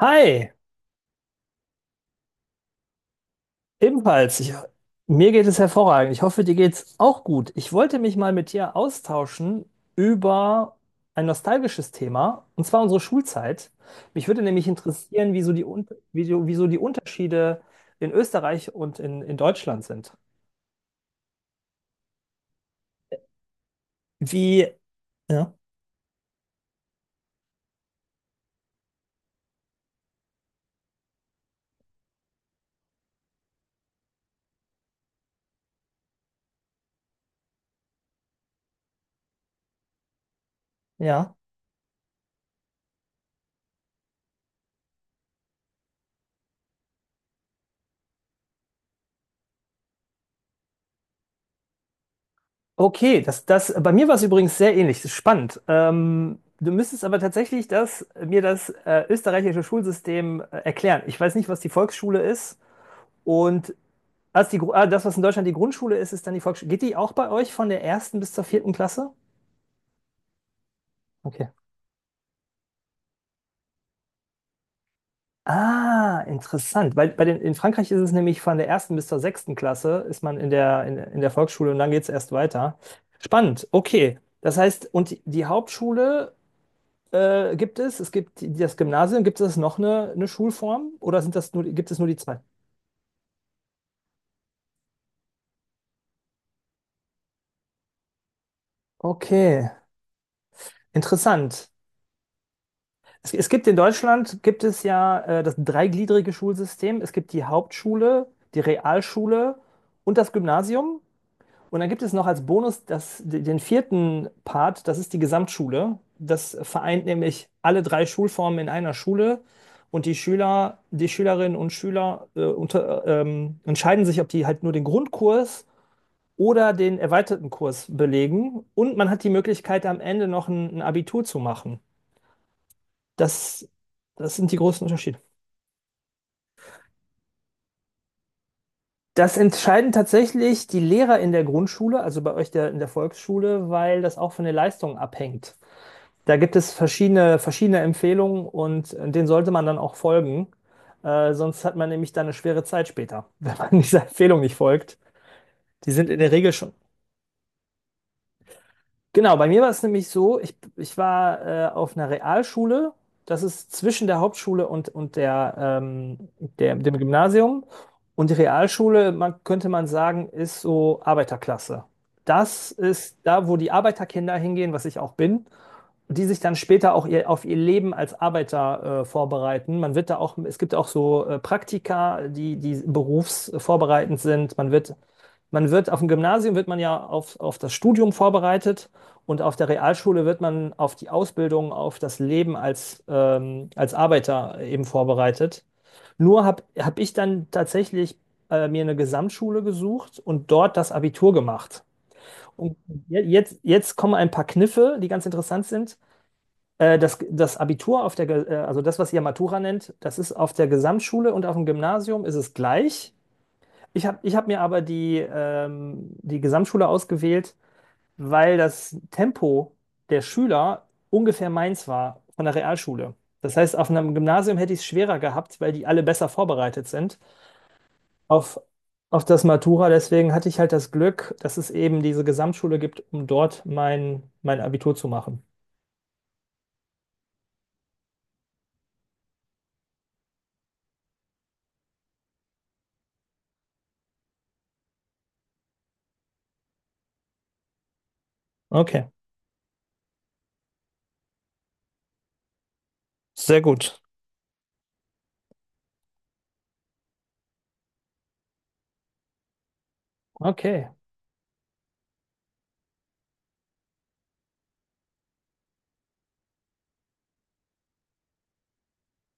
Hi, ebenfalls. Mir geht es hervorragend. Ich hoffe, dir geht's auch gut. Ich wollte mich mal mit dir austauschen über ein nostalgisches Thema, und zwar unsere Schulzeit. Mich würde nämlich interessieren, wie so die Unterschiede in Österreich und in Deutschland sind. Wie, ja, ja. Okay, das, bei mir war es übrigens sehr ähnlich. Das ist spannend. Du müsstest aber tatsächlich mir das österreichische Schulsystem erklären. Ich weiß nicht, was die Volksschule ist. Und als das, was in Deutschland die Grundschule ist, ist dann die Volksschule. Geht die auch bei euch von der ersten bis zur vierten Klasse? Okay. Ah, interessant. Weil in Frankreich ist es nämlich von der ersten bis zur sechsten Klasse, ist man in in der Volksschule und dann geht es erst weiter. Spannend, okay. Das heißt, und die Hauptschule gibt es, es gibt das Gymnasium, gibt es noch eine Schulform oder sind das nur, gibt es nur die zwei? Okay, interessant. Es gibt in Deutschland, gibt es ja das dreigliedrige Schulsystem. Es gibt die Hauptschule, die Realschule und das Gymnasium. Und dann gibt es noch als Bonus den vierten Part, das ist die Gesamtschule. Das vereint nämlich alle drei Schulformen in einer Schule. Und die Schülerinnen und Schüler entscheiden sich, ob die halt nur den Grundkurs oder den erweiterten Kurs belegen. Und man hat die Möglichkeit, am Ende noch ein Abitur zu machen. Das, das sind die großen Unterschiede. Das entscheiden tatsächlich die Lehrer in der Grundschule, also bei euch in der Volksschule, weil das auch von der Leistung abhängt. Da gibt es verschiedene Empfehlungen und denen sollte man dann auch folgen. Sonst hat man nämlich dann eine schwere Zeit später, wenn man dieser Empfehlung nicht folgt. Die sind in der Regel schon. Genau, bei mir war es nämlich so, ich war auf einer Realschule, das ist zwischen der Hauptschule und ähm, dem Gymnasium. Und die Realschule, könnte man sagen, ist so Arbeiterklasse. Das ist da, wo die Arbeiterkinder hingehen, was ich auch bin, die sich dann später auch auf ihr Leben als Arbeiter vorbereiten. Man wird da auch, es gibt auch so Praktika, die berufsvorbereitend sind. Man wird auf dem Gymnasium wird man ja auf das Studium vorbereitet. Und auf der Realschule wird man auf die Ausbildung, auf das Leben als, als Arbeiter eben vorbereitet. Nur hab ich dann tatsächlich mir eine Gesamtschule gesucht und dort das Abitur gemacht. Und jetzt kommen ein paar Kniffe, die ganz interessant sind. Das Abitur auf der, also das, was ihr Matura nennt, das ist auf der Gesamtschule und auf dem Gymnasium ist es gleich. Ich hab mir aber die Gesamtschule ausgewählt, weil das Tempo der Schüler ungefähr meins war von der Realschule. Das heißt, auf einem Gymnasium hätte ich es schwerer gehabt, weil die alle besser vorbereitet sind auf, auf das Matura. Deswegen hatte ich halt das Glück, dass es eben diese Gesamtschule gibt, um dort mein Abitur zu machen. Okay, sehr gut. Okay.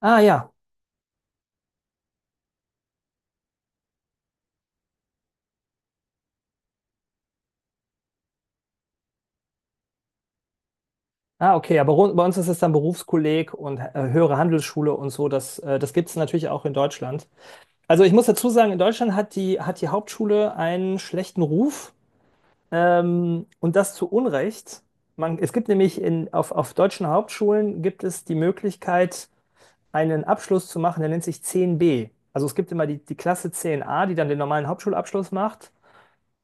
Ah ja. Ah, okay, bei uns ist es dann Berufskolleg und höhere Handelsschule und so. Das gibt es natürlich auch in Deutschland. Also ich muss dazu sagen, in Deutschland hat hat die Hauptschule einen schlechten Ruf. Und das zu Unrecht. Es gibt nämlich auf deutschen Hauptschulen gibt es die Möglichkeit, einen Abschluss zu machen, der nennt sich zehn b. Also es gibt immer die Klasse zehn a, die dann den normalen Hauptschulabschluss macht.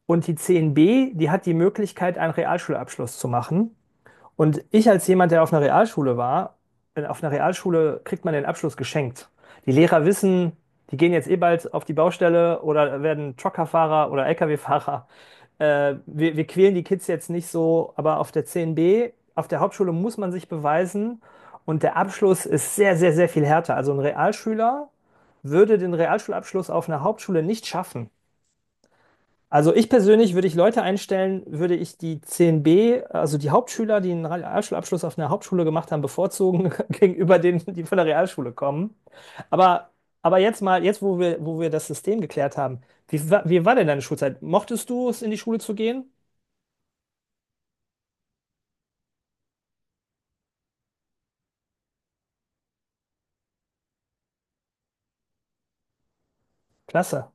Und die zehn b, die hat die Möglichkeit, einen Realschulabschluss zu machen. Und ich als jemand, der auf einer Realschule war, auf einer Realschule kriegt man den Abschluss geschenkt. Die Lehrer wissen, die gehen jetzt eh bald auf die Baustelle oder werden Truckerfahrer oder Lkw-Fahrer, wir quälen die Kids jetzt nicht so, aber auf der C N B, auf der Hauptschule muss man sich beweisen und der Abschluss ist sehr, sehr viel härter. Also ein Realschüler würde den Realschulabschluss auf einer Hauptschule nicht schaffen. Also ich persönlich, würde ich Leute einstellen, würde ich die C N B, also die Hauptschüler, die einen Realschulabschluss auf einer Hauptschule gemacht haben, bevorzugen gegenüber denen, die von der Realschule kommen. Aber, aber jetzt mal, jetzt wo wo wir das System geklärt haben, wie war denn deine Schulzeit? Mochtest du es, in die Schule zu gehen? Klasse.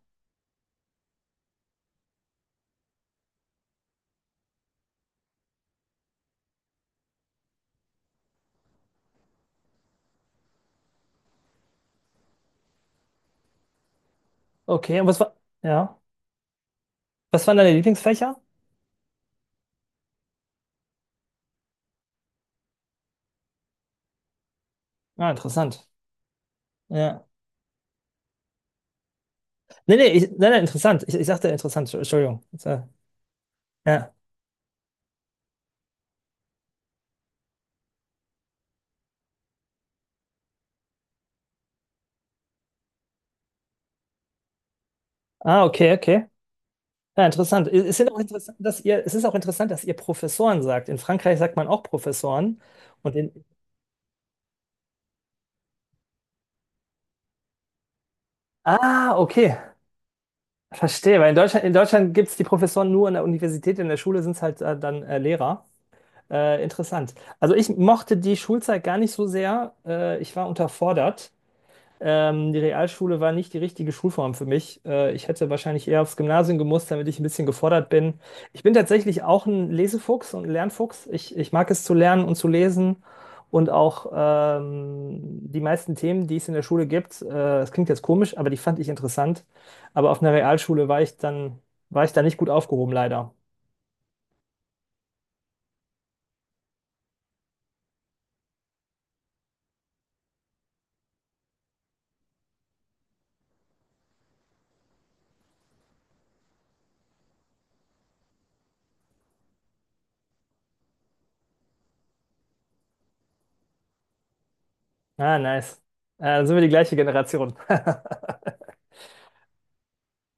Okay, und ja, was waren deine Lieblingsfächer? Ah, interessant. Ja. Nee, interessant. Ich sagte interessant, Entschuldigung. Ja. Ah, okay, okay. Ja, interessant. Es ist auch interessant, dass ihr Professoren sagt. In Frankreich sagt man auch Professoren. Und in, ah, okay. Verstehe, weil in Deutschland gibt es die Professoren nur an der Universität, in der Schule sind es halt dann Lehrer. Interessant. Also ich mochte die Schulzeit gar nicht so sehr. Ich war unterfordert. Die Realschule war nicht die richtige Schulform für mich. Ich hätte wahrscheinlich eher aufs Gymnasium gemusst, damit ich ein bisschen gefordert bin. Ich bin tatsächlich auch ein Lesefuchs und ein Lernfuchs. Ich mag es zu lernen und zu lesen und auch die meisten Themen, die es in der Schule gibt, das klingt jetzt komisch, aber die fand ich interessant. Aber auf einer Realschule war ich da nicht gut aufgehoben, leider. Ah, nice. Dann sind wir die gleiche Generation.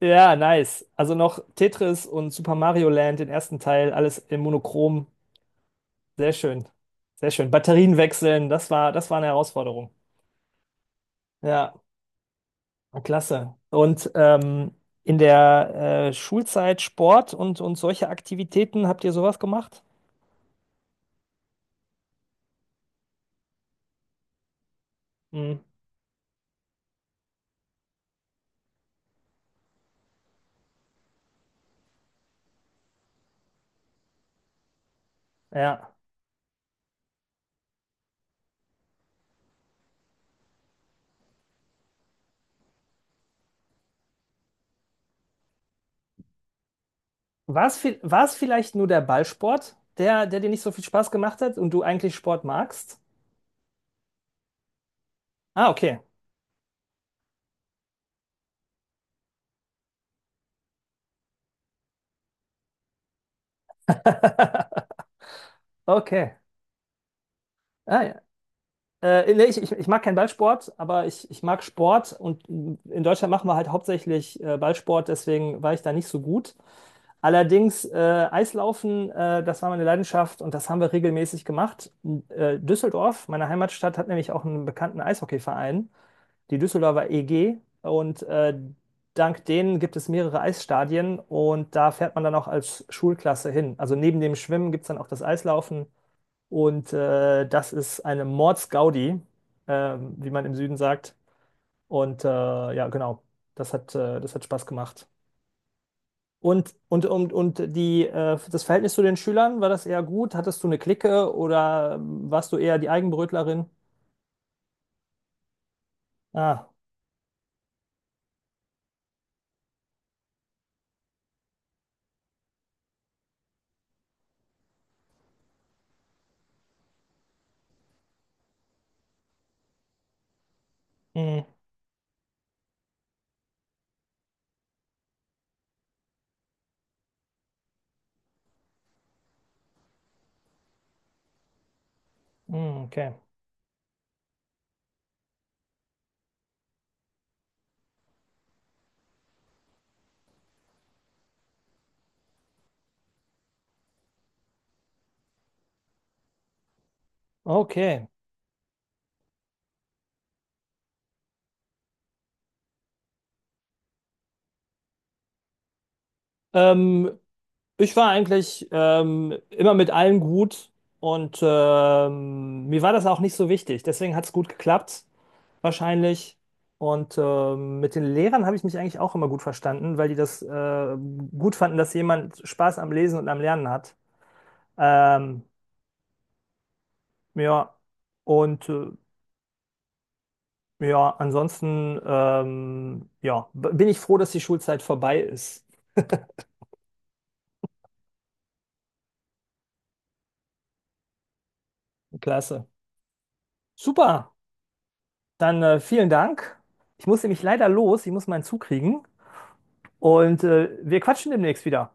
Ja, nice. Also noch Tetris und Super Mario Land, den ersten Teil, alles in Monochrom. Sehr schön. Sehr schön. Batterien wechseln, das war eine Herausforderung. Ja, klasse. Und in der Schulzeit Sport und solche Aktivitäten, habt ihr sowas gemacht? Mhm. Ja. War es vielleicht nur der Ballsport, der dir nicht so viel Spaß gemacht hat und du eigentlich Sport magst? Ah, okay. Okay. Ah, ja. Nee, ich mag keinen Ballsport, aber ich mag Sport und in Deutschland machen wir halt hauptsächlich Ballsport, deswegen war ich da nicht so gut. Allerdings Eislaufen, das war meine Leidenschaft und das haben wir regelmäßig gemacht. Düsseldorf, meine Heimatstadt, hat nämlich auch einen bekannten Eishockeyverein, die Düsseldorfer EG, und dank denen gibt es mehrere Eisstadien und da fährt man dann auch als Schulklasse hin. Also neben dem Schwimmen gibt es dann auch das Eislaufen. Und das ist eine Mordsgaudi, wie man im Süden sagt. Und ja, genau, das hat Spaß gemacht. Und, das Verhältnis zu den Schülern, war das eher gut? Hattest du eine Clique oder warst du eher die Eigenbrötlerin? Ah, mm, mm, okay. Okay. Ähm, Ich war eigentlich immer mit allen gut und mir war das auch nicht so wichtig. Deswegen hat es gut geklappt, wahrscheinlich. Und mit den Lehrern habe ich mich eigentlich auch immer gut verstanden, weil die das gut fanden, dass jemand Spaß am Lesen und am Lernen hat. Ähm, ja, und äh, ja, ansonsten bin ich froh, dass die Schulzeit vorbei ist. Klasse. Super, dann vielen Dank. Ich muss nämlich leider los, ich muss meinen Zug kriegen und wir quatschen demnächst wieder.